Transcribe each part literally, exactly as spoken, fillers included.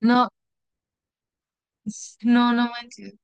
No, s- no, no manches.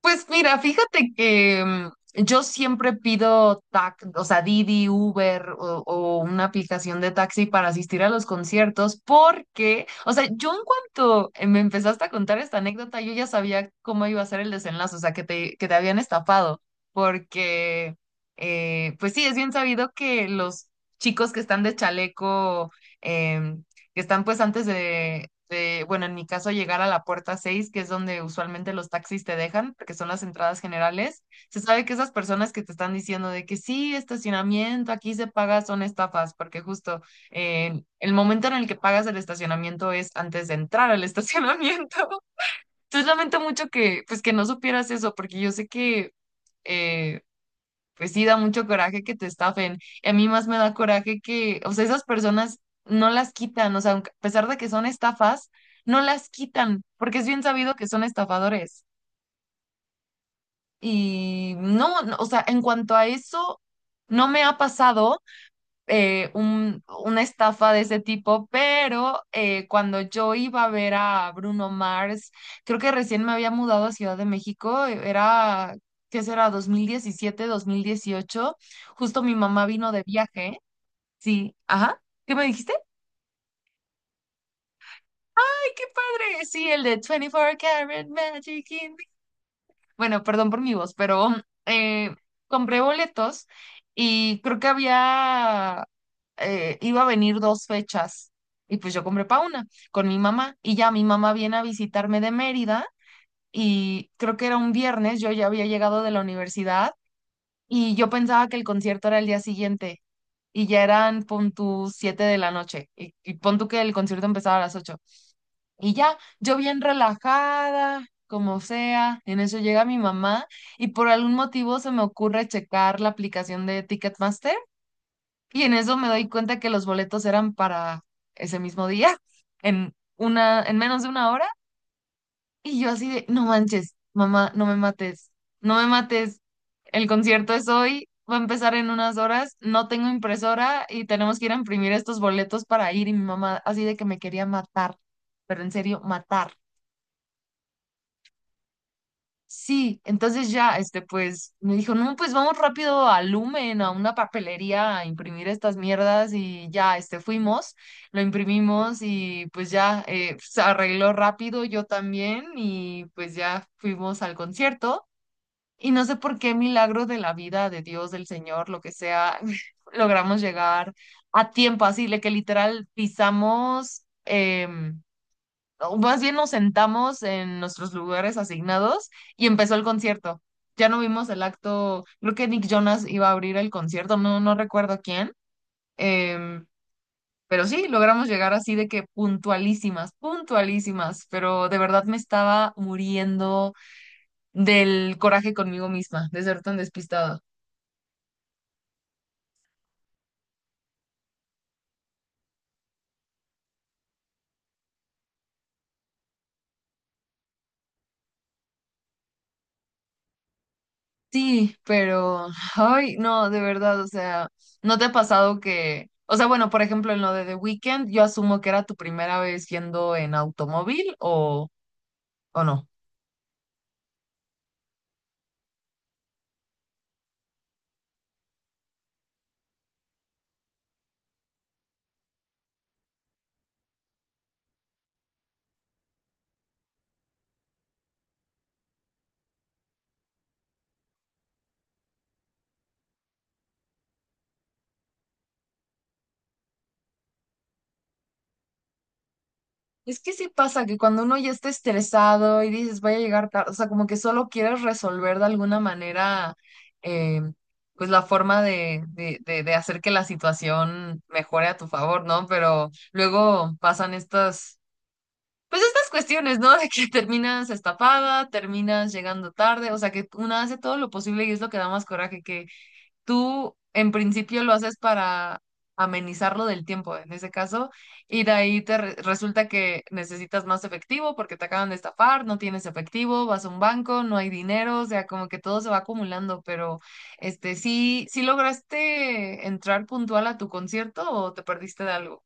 Pues mira, fíjate que mm, yo siempre pido tac, o sea, Didi, Uber o, o una aplicación de taxi para asistir a los conciertos porque, o sea, yo en cuanto eh, me empezaste a contar esta anécdota, yo ya sabía cómo iba a ser el desenlace, o sea, que te, que te habían estafado, porque, eh, pues sí, es bien sabido que los chicos que están de chaleco em, que están pues antes de, de, bueno, en mi caso llegar a la puerta seis que es donde usualmente los taxis te dejan, porque son las entradas generales. Se sabe que esas personas que te están diciendo de que sí, estacionamiento, aquí se paga, son estafas, porque justo eh, el momento en el que pagas el estacionamiento es antes de entrar al estacionamiento. Entonces lamento mucho que, pues, que no supieras eso, porque yo sé que. eh, pues sí, da mucho coraje que te estafen. Y a mí más me da coraje que, o sea, esas personas no las quitan, o sea, aunque- a pesar de que son estafas, no las quitan, porque es bien sabido que son estafadores. Y no, no, o sea, en cuanto a eso, no me ha pasado eh, un- una estafa de ese tipo, pero eh, cuando yo iba a ver a Bruno Mars, creo que recién me había mudado a Ciudad de México, e, era, ¿qué será? Dos mil diecisiete, dos mil dieciocho. Justo mi mamá vino de viaje. Sí, ajá, ¿qué me dijiste? ¡Ay, qué padre! Sí, el de veinticuatro Karat Magic in. Bueno, perdón por mi voz, pero eh, compré boletos y creo que había, eh, iba a venir dos fechas y pues yo compré para una con mi mamá y ya mi mamá viene a visitarme de Mérida. Y creo que era un viernes, yo ya había llegado de la universidad y yo pensaba que el concierto era el día siguiente y ya eran pon tú siete de la noche y, y pon tú que el concierto empezaba a las ocho. Y ya, yo bien relajada, como sea, en eso llega mi mamá y por algún motivo se me ocurre checar la aplicación de Ticketmaster y en eso me doy cuenta que los boletos eran para ese mismo día, en una, en menos de una hora, y yo así de, no manches, mamá, no me mates, no me mates, el concierto es hoy, va a empezar en unas horas, no tengo impresora y tenemos que ir a imprimir estos boletos para ir, y mi mamá así de que me quería matar, pero en serio, matar. Sí, entonces ya, este, pues, me dijo, no, pues vamos rápido a Lumen, a una papelería, a imprimir estas mierdas. Y ya, este, fuimos, lo imprimimos y pues ya, eh, se arregló rápido, yo también, y pues ya fuimos al concierto. Y no sé por qué milagro de la vida, de Dios, del Señor, lo que sea, logramos llegar a tiempo, así, de que literal pisamos, em, o más bien nos sentamos en nuestros lugares asignados y empezó el concierto. Ya no vimos el acto, creo que Nick Jonas iba a abrir el concierto, no, no recuerdo quién. em, pero sí, logramos llegar así de que puntualísimas, puntualísimas, pero de verdad me estaba muriendo del coraje conmigo misma, de ser tan despistada. Sí, pero, ay, no, de verdad, o sea, ¿no te ha pasado que, o sea, bueno, por ejemplo, en lo de The Weeknd, yo asumo que era tu primera vez yendo en automóvil o, o no? Es que sí pasa que cuando uno ya está estresado y dices, voy a llegar tarde, o sea, como que solo quieres resolver de alguna manera, eh, pues la forma de, de, de, de hacer que la situación mejore a tu favor, ¿no? Pero luego pasan estas Pues estas cuestiones, ¿no? De que terminas estafada, terminas llegando tarde, o sea que una hace todo lo posible y es lo que da más coraje, que tú en principio lo haces para amenizarlo del tiempo, en ese caso, y de ahí te re- resulta que necesitas más efectivo porque te acaban de estafar, no tienes efectivo, vas a un banco, no hay dinero, o sea, como que todo se va acumulando, pero este, ¿sí, sí lograste entrar puntual a tu concierto o te perdiste de algo?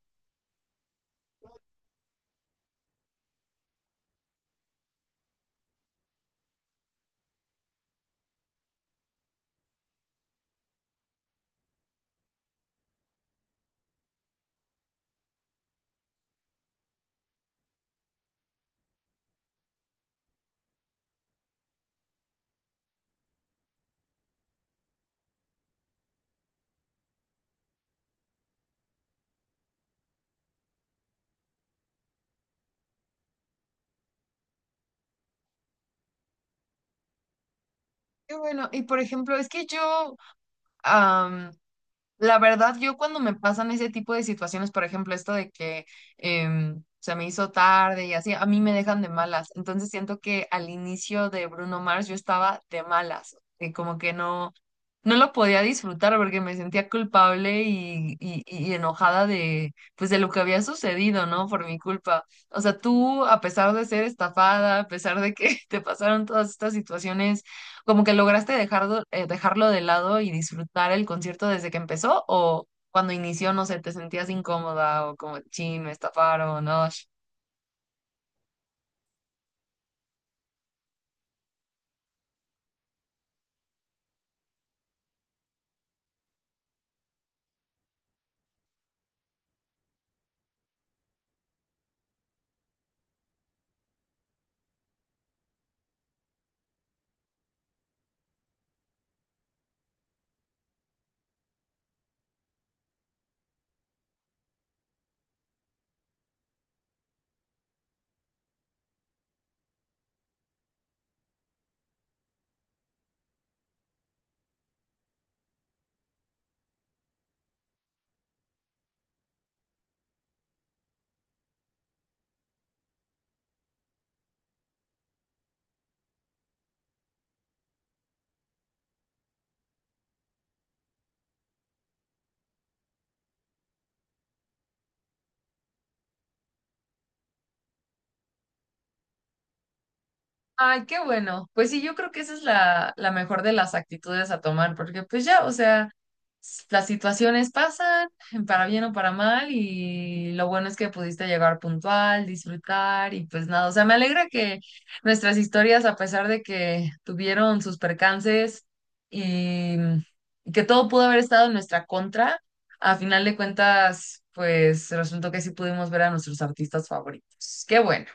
Qué bueno. Y por ejemplo, es que yo... La verdad, yo cuando me pasan ese tipo de situaciones, por ejemplo, esto de que em, se me hizo tarde y así, a mí me dejan de malas. Entonces siento que al inicio de Bruno Mars yo estaba de malas, y como que no, no lo podía disfrutar porque me sentía culpable y, y, y enojada de, pues, de lo que había sucedido, ¿no? Por mi culpa. O sea, tú, a pesar de ser estafada, a pesar de que te pasaron todas estas situaciones, como que lograste dejarlo, eh, dejarlo de lado y disfrutar el concierto desde que empezó o cuando inició. No sé, ¿te sentías incómoda o como, chin, me estafaron? No. Ay, qué bueno. Pues sí, yo creo que esa es la, la mejor de las actitudes a tomar, porque pues ya, o sea, s- las situaciones pasan, para bien o para mal, y lo bueno es que pudiste llegar puntual, disfrutar, y pues nada, o sea, me alegra que nuestras historias, a pesar de que tuvieron sus percances, y y que todo pudo haber estado en nuestra contra, a final de cuentas, pues resultó que sí pudimos ver a nuestros artistas favoritos. Qué bueno.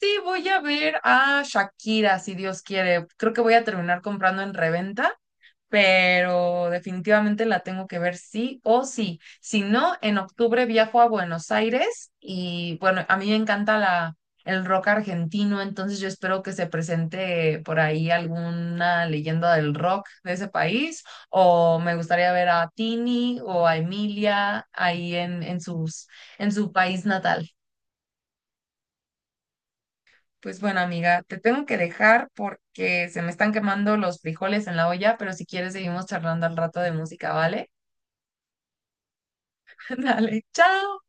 Sí, voy a ver a Shakira, si Dios quiere. Creo que voy a terminar comprando en reventa, pero definitivamente la tengo que ver sí o sí. Si no, en octubre viajo a Buenos Aires y bueno, a mí me encanta la, el rock argentino, entonces yo espero que se presente por ahí alguna leyenda del rock de ese país o me gustaría ver a Tini o a Emilia ahí en, en sus, en su país natal. Pues bueno, amiga, te tengo que dejar porque se me están quemando los frijoles en la olla, pero si quieres seguimos charlando al rato de música, ¿vale? Dale, chao.